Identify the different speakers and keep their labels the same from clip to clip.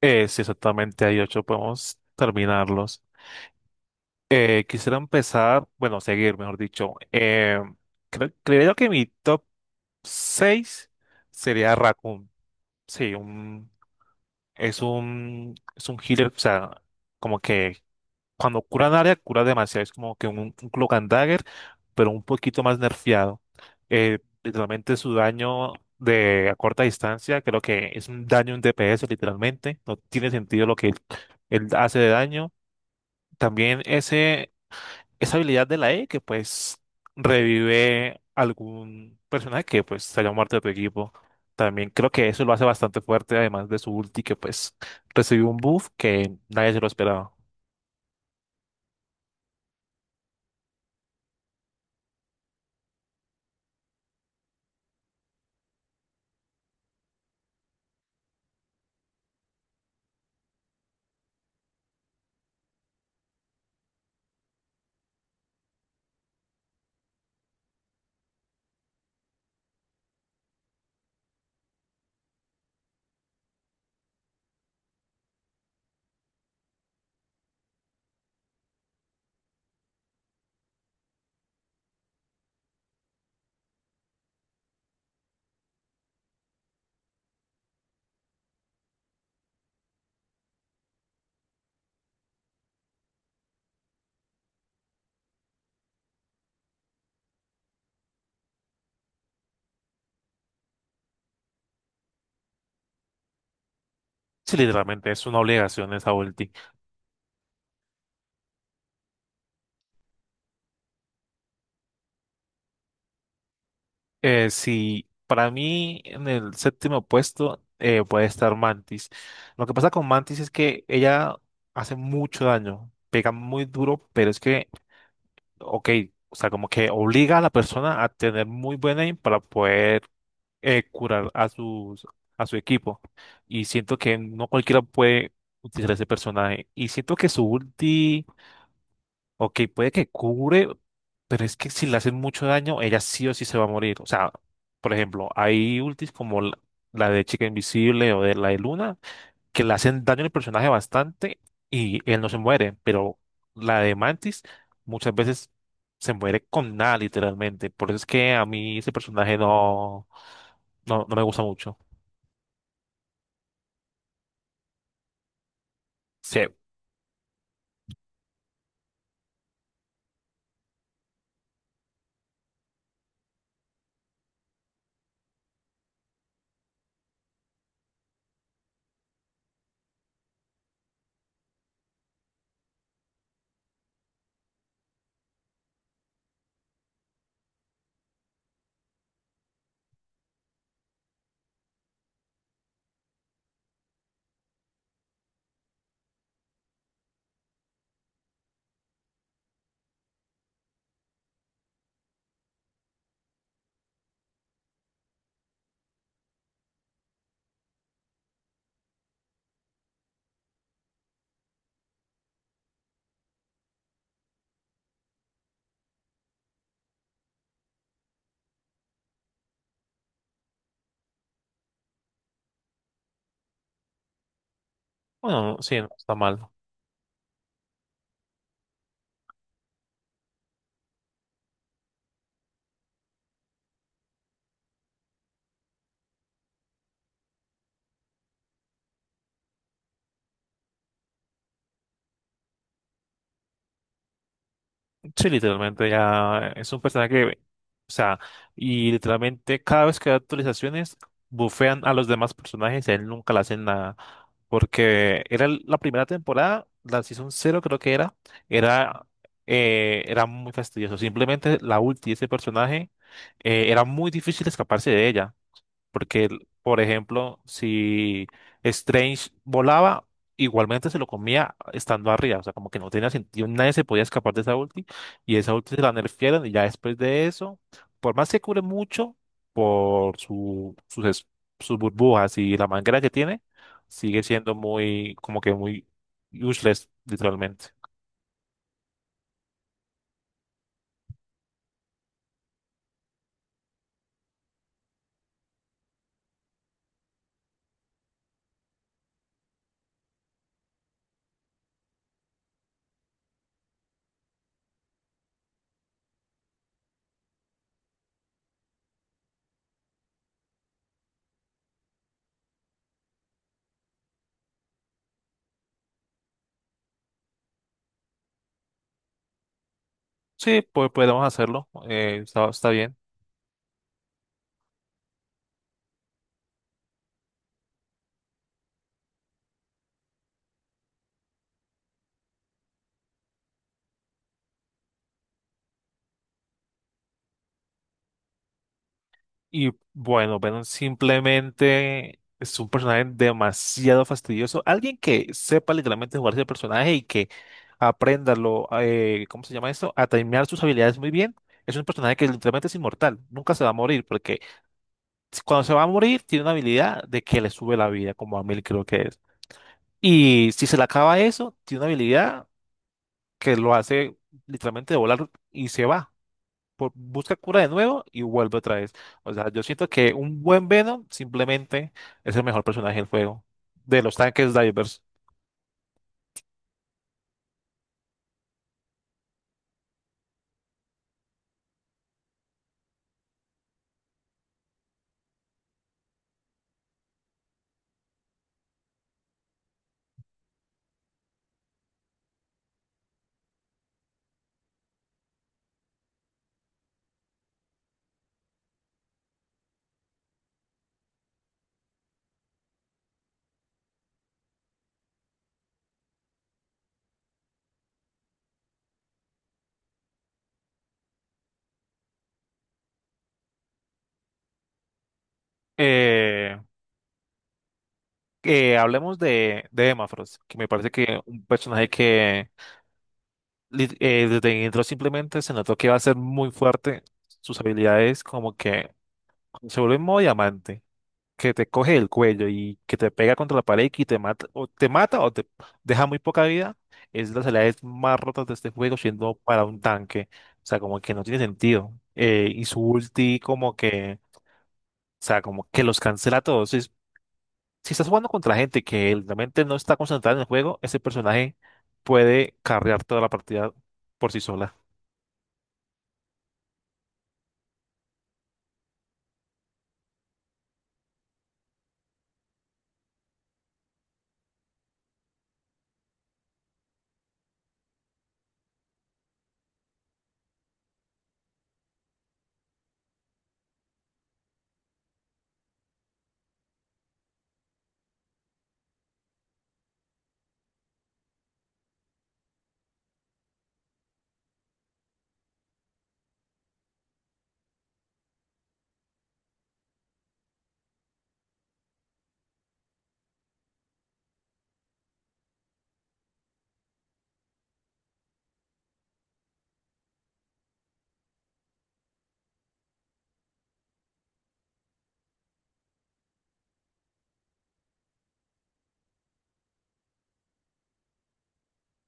Speaker 1: Sí, exactamente, hay ocho, podemos terminarlos. Quisiera empezar, bueno, seguir, mejor dicho. Creo que mi top 6 sería Raccoon. Sí, es un healer, o sea, como que cuando cura en área, cura demasiado. Es como que un Cloak and Dagger, pero un poquito más nerfeado. Literalmente su daño de a corta distancia, creo que es un daño en DPS, literalmente. No tiene sentido lo que él hace de daño. También esa habilidad de la E que pues revive algún personaje que pues se haya muerto de tu equipo. También creo que eso lo hace bastante fuerte, además de su ulti que pues recibió un buff que nadie se lo esperaba. Sí, literalmente es una obligación esa ulti. Si para mí en el séptimo puesto puede estar Mantis. Lo que pasa con Mantis es que ella hace mucho daño, pega muy duro, pero es que, ok, o sea, como que obliga a la persona a tener muy buen aim para poder curar a a su equipo. Y siento que no cualquiera puede utilizar ese personaje. Y siento que su ulti, ok, puede que cubre, pero es que si le hacen mucho daño, ella sí o sí se va a morir. O sea, por ejemplo, hay ultis como la de Chica Invisible o de la de Luna, que le hacen daño al personaje bastante y él no se muere, pero la de Mantis muchas veces se muere con nada, literalmente. Por eso es que a mí ese personaje no me gusta mucho. Sí, bueno, no, sí, no está mal. Sí, literalmente ya es un personaje que, o sea, y literalmente cada vez que da actualizaciones, bufean a los demás personajes y a él nunca le hacen nada. Porque la primera temporada, la Season 0 creo que era, Era muy fastidioso. Simplemente la ulti de ese personaje, era muy difícil escaparse de ella. Porque, por ejemplo, si Strange volaba, igualmente se lo comía estando arriba. O sea, como que no tenía sentido. Nadie se podía escapar de esa ulti. Y esa ulti se la nerfearon. Y ya después de eso, por más que cure mucho por sus burbujas y la manguera que tiene, sigue siendo muy, como que muy useless, literalmente. Sí, pues podemos hacerlo. Está bien. Y bueno, Venom simplemente es un personaje demasiado fastidioso. Alguien que sepa literalmente jugar ese personaje y que aprenda lo, ¿cómo se llama eso? A timear sus habilidades muy bien. Es un personaje que literalmente es inmortal. Nunca se va a morir porque cuando se va a morir tiene una habilidad de que le sube la vida, como a 1.000 creo que es. Y si se le acaba eso, tiene una habilidad que lo hace literalmente volar y se va busca cura de nuevo y vuelve otra vez. O sea, yo siento que un buen Venom simplemente es el mejor personaje del juego, de los tanques divers. Eh, que hablemos de Emma Frost, que me parece que un personaje que desde que entró simplemente se notó que va a ser muy fuerte. Sus habilidades como que se vuelve modo diamante. Que te coge el cuello y que te pega contra la pared y que te mata o te mata o te deja muy poca vida, es de las habilidades más rotas de este juego siendo para un tanque. O sea, como que no tiene sentido. Y su ulti como que, o sea, como que los cancela a todos. Si, si estás jugando contra gente que realmente no está concentrada en el juego, ese personaje puede carrear toda la partida por sí sola.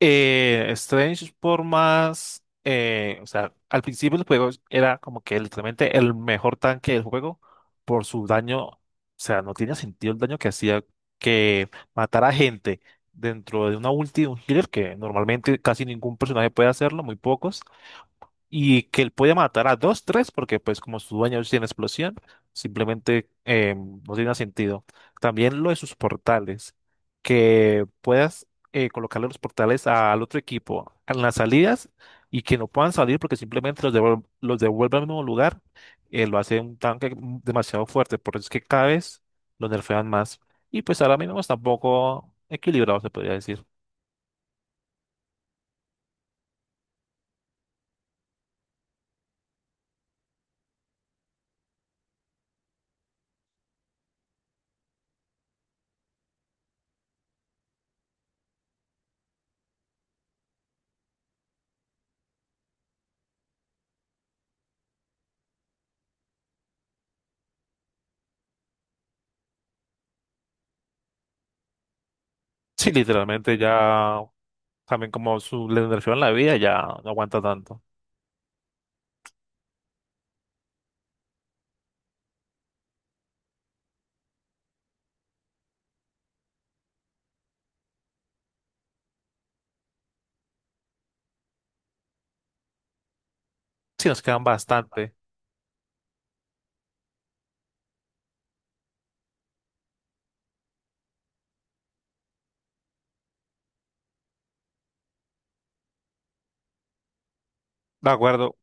Speaker 1: Strange por más, o sea, al principio del juego era como que literalmente el mejor tanque del juego por su daño, o sea, no tenía sentido el daño que hacía que matara gente dentro de una ulti de un healer que normalmente casi ningún personaje puede hacerlo, muy pocos, y que él puede matar a dos, tres, porque pues como su dueño tiene explosión, simplemente no tiene sentido. También lo de sus portales, que puedas colocarle los portales al otro equipo en las salidas y que no puedan salir porque simplemente los devuelve al mismo lugar, lo hace un tanque demasiado fuerte, por eso es que cada vez lo nerfean más. Y pues ahora mismo está un poco equilibrado, se podría decir. Sí, literalmente ya. También como su regeneración en la vida ya no aguanta tanto. Sí, nos quedan bastante. De acuerdo.